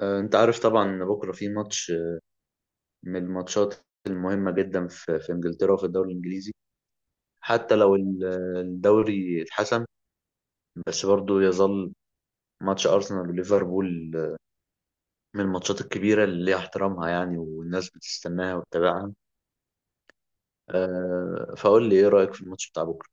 انت عارف طبعا ان بكره في ماتش من الماتشات المهمه جدا في انجلترا وفي الدوري الانجليزي. حتى لو الدوري اتحسم، بس برضه يظل ماتش ارسنال وليفربول من الماتشات الكبيره اللي ليها احترامها، يعني والناس بتستناها وتتابعها. فقول لي ايه رايك في الماتش بتاع بكره.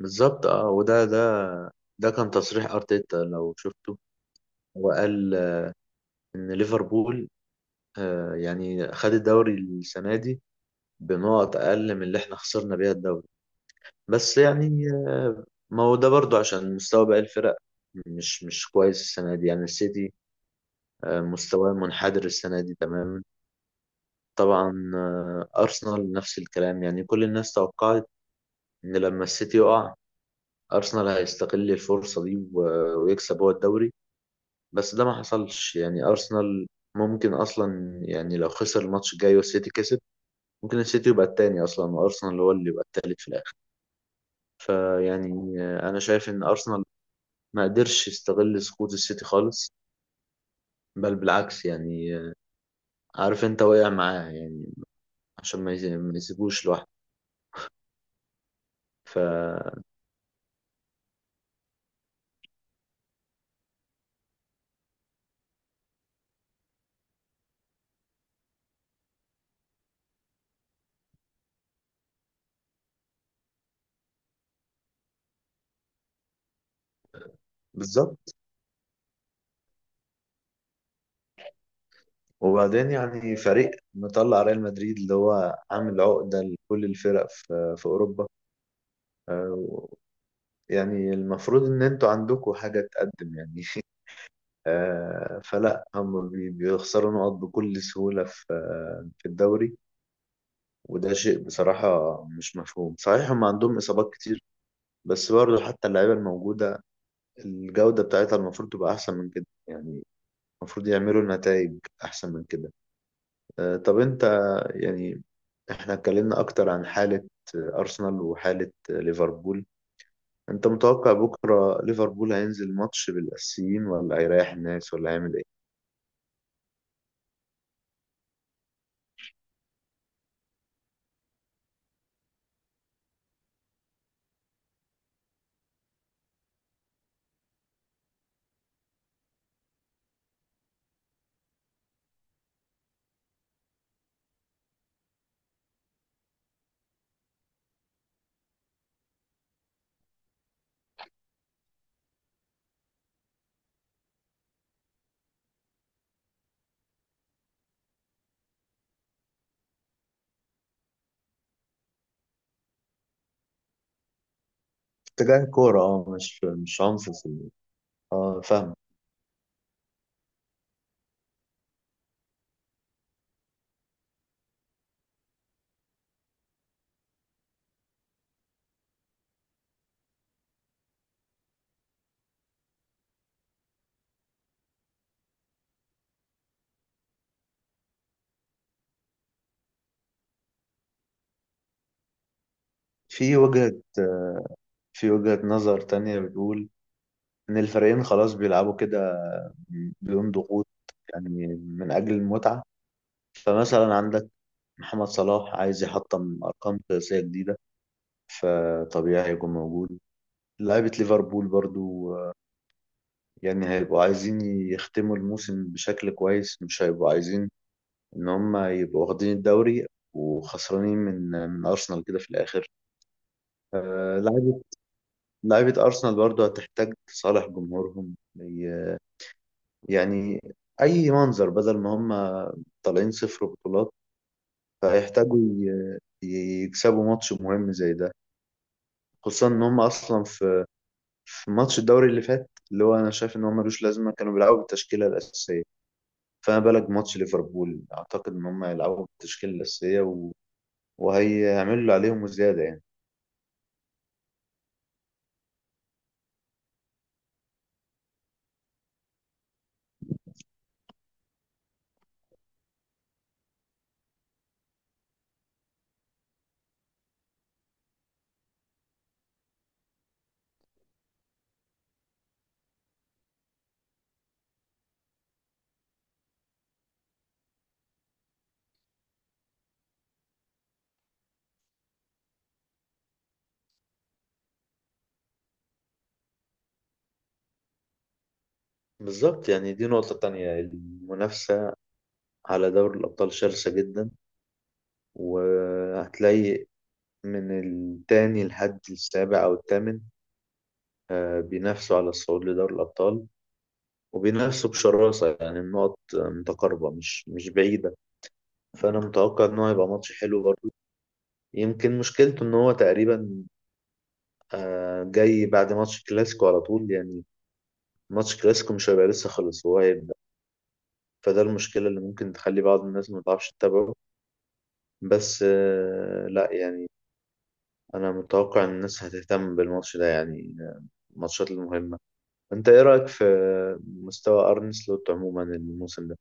بالظبط اه، وده ده ده كان تصريح ارتيتا لو شفته. هو قال ان ليفربول يعني خد الدوري السنه دي بنقط اقل من اللي احنا خسرنا بيها الدوري. بس يعني، ما هو ده برضو عشان مستوى باقي الفرق مش كويس السنة دي، يعني السيتي مستواه منحدر السنة دي تماما. طبعا أرسنال نفس الكلام، يعني كل الناس توقعت إن لما السيتي يقع أرسنال هيستغل الفرصة دي ويكسب هو الدوري. بس ده ما حصلش، يعني أرسنال ممكن أصلا يعني لو خسر الماتش الجاي والسيتي كسب، ممكن السيتي يبقى التاني أصلا وأرسنال هو اللي يبقى التالت في الآخر. فيعني أنا شايف إن أرسنال ما قدرش يستغل سقوط السيتي خالص، بل بالعكس يعني. عارف انت واقع معاه يعني، عشان ما يسيبوش لوحده. فبالظبط. وبعدين يعني فريق مطلع ريال مدريد، اللي هو عامل عقدة لكل الفرق في أوروبا. آه، يعني المفروض إن انتوا عندكم حاجة تقدم يعني. فلا هم بيخسروا نقط بكل سهولة في الدوري. وده شيء بصراحة مش مفهوم، صحيح هم عندهم إصابات كتير، بس برضه حتى اللعيبة الموجودة الجودة بتاعتها المفروض تبقى أحسن من كده يعني. المفروض يعملوا نتائج أحسن من كده. طب أنت يعني إحنا اتكلمنا أكتر عن حالة أرسنال وحالة ليفربول. أنت متوقع بكرة ليفربول هينزل ماتش بالأسيين ولا هيريح الناس ولا هيعمل إيه؟ اتجاه كورة، أه مش عنف أه فاهم. في وجهة في وجهة نظر تانية بتقول إن الفريقين خلاص بيلعبوا كده بدون ضغوط، يعني من أجل المتعة. فمثلا عندك محمد صلاح عايز يحطم أرقام قياسية جديدة، فطبيعي هيكون موجود. لعيبة ليفربول برضو يعني هيبقوا عايزين يختموا الموسم بشكل كويس، مش هيبقوا عايزين إن هم يبقوا واخدين الدوري وخسرانين من أرسنال كده في الآخر. آه، لعيبة لعيبة أرسنال برضو هتحتاج تصالح جمهورهم يعني أي منظر بدل ما هم طالعين 0 بطولات. فهيحتاجوا يكسبوا ماتش مهم زي ده، خصوصا ان هم اصلا في ماتش الدوري اللي فات اللي هو انا شايف ان هو ملوش لازمه، كانوا بيلعبوا بالتشكيله الاساسيه. فما بالك ماتش ليفربول، اعتقد ان هم هيلعبوا بالتشكيله الاساسيه وهيعملوا اللي عليهم وزياده يعني. بالظبط، يعني دي نقطة تانية. المنافسة على دوري الأبطال شرسة جدا، وهتلاقي من التاني لحد السابع أو الثامن بينافسوا على الصعود لدوري الأبطال، وبينافسوا بشراسة. يعني النقط متقاربة مش بعيدة. فأنا متوقع إن هو هيبقى ماتش حلو برضه. يمكن مشكلته ان هو تقريبا جاي بعد ماتش كلاسيكو على طول يعني، ماتش كلاسيكو مش هيبقى لسه خلص هو هيبدأ. فده المشكلة اللي ممكن تخلي بعض الناس ما تعرفش تتابعه. بس لا يعني، انا متوقع ان الناس هتهتم بالماتش ده يعني. الماتشات المهمة، انت ايه رأيك في مستوى ارن سلوت عموما الموسم ده؟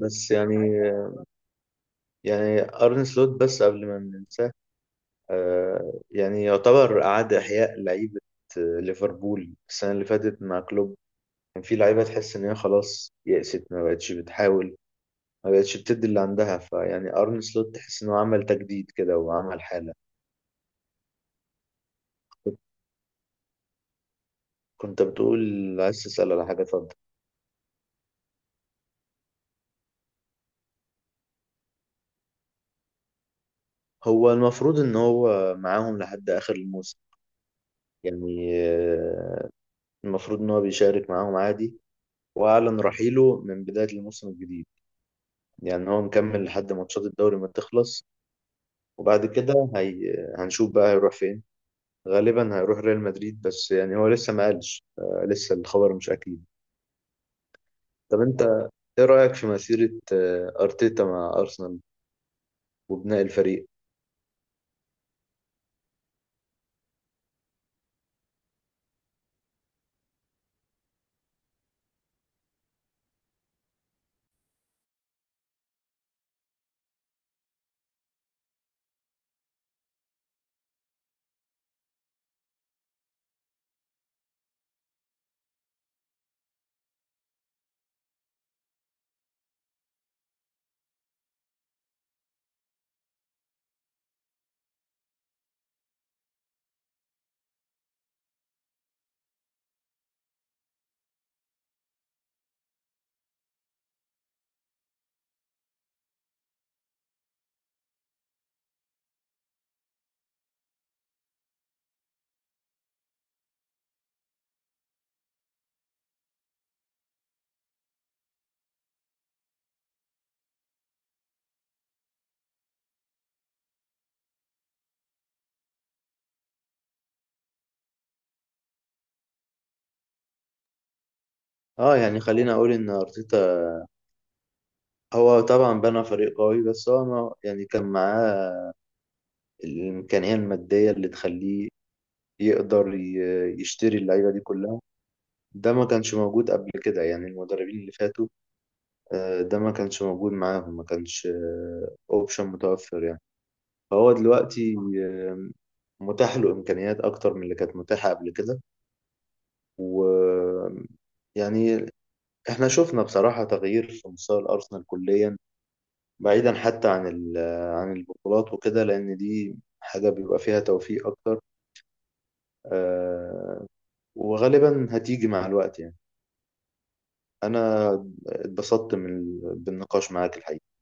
بس يعني ارن سلوت، بس قبل ما ننساه يعني يعتبر اعاد احياء لعيبة ليفربول السنة اللي فاتت مع كلوب. كان في لعيبة تحس إن هي خلاص يأست، ما بقتش بتحاول ما بقتش بتدي اللي عندها. فيعني أرن سلوت تحس إنه عمل تجديد كده وعمل حالة. كنت بتقول عايز تسأل على حاجة، اتفضل. هو المفروض إن هو معاهم لحد آخر الموسم، يعني المفروض إن هو بيشارك معاهم عادي، وأعلن رحيله من بداية الموسم الجديد. يعني هو مكمل لحد ماتشات الدوري ما تخلص. وبعد كده هنشوف بقى هيروح فين. غالبا هيروح ريال مدريد، بس يعني هو لسه ما قالش لسه الخبر مش أكيد. طب انت ايه رأيك في مسيرة ارتيتا مع ارسنال وبناء الفريق. اه يعني خلينا اقول ان ارتيتا هو طبعا بنى فريق قوي، بس هو ما يعني كان معاه الامكانية المادية اللي تخليه يقدر يشتري اللعيبة دي كلها. ده ما كانش موجود قبل كده، يعني المدربين اللي فاتوا ده ما كانش موجود معاهم، ما كانش اوبشن متوفر يعني. فهو دلوقتي آه، متاح له امكانيات اكتر من اللي كانت متاحة قبل كده. و يعني احنا شفنا بصراحة تغيير في مستوى الأرسنال كليا، بعيدا حتى عن عن البطولات وكده، لأن دي حاجة بيبقى فيها توفيق أكتر آه، وغالبا هتيجي مع الوقت يعني. أنا اتبسطت من بالنقاش معاك الحقيقة.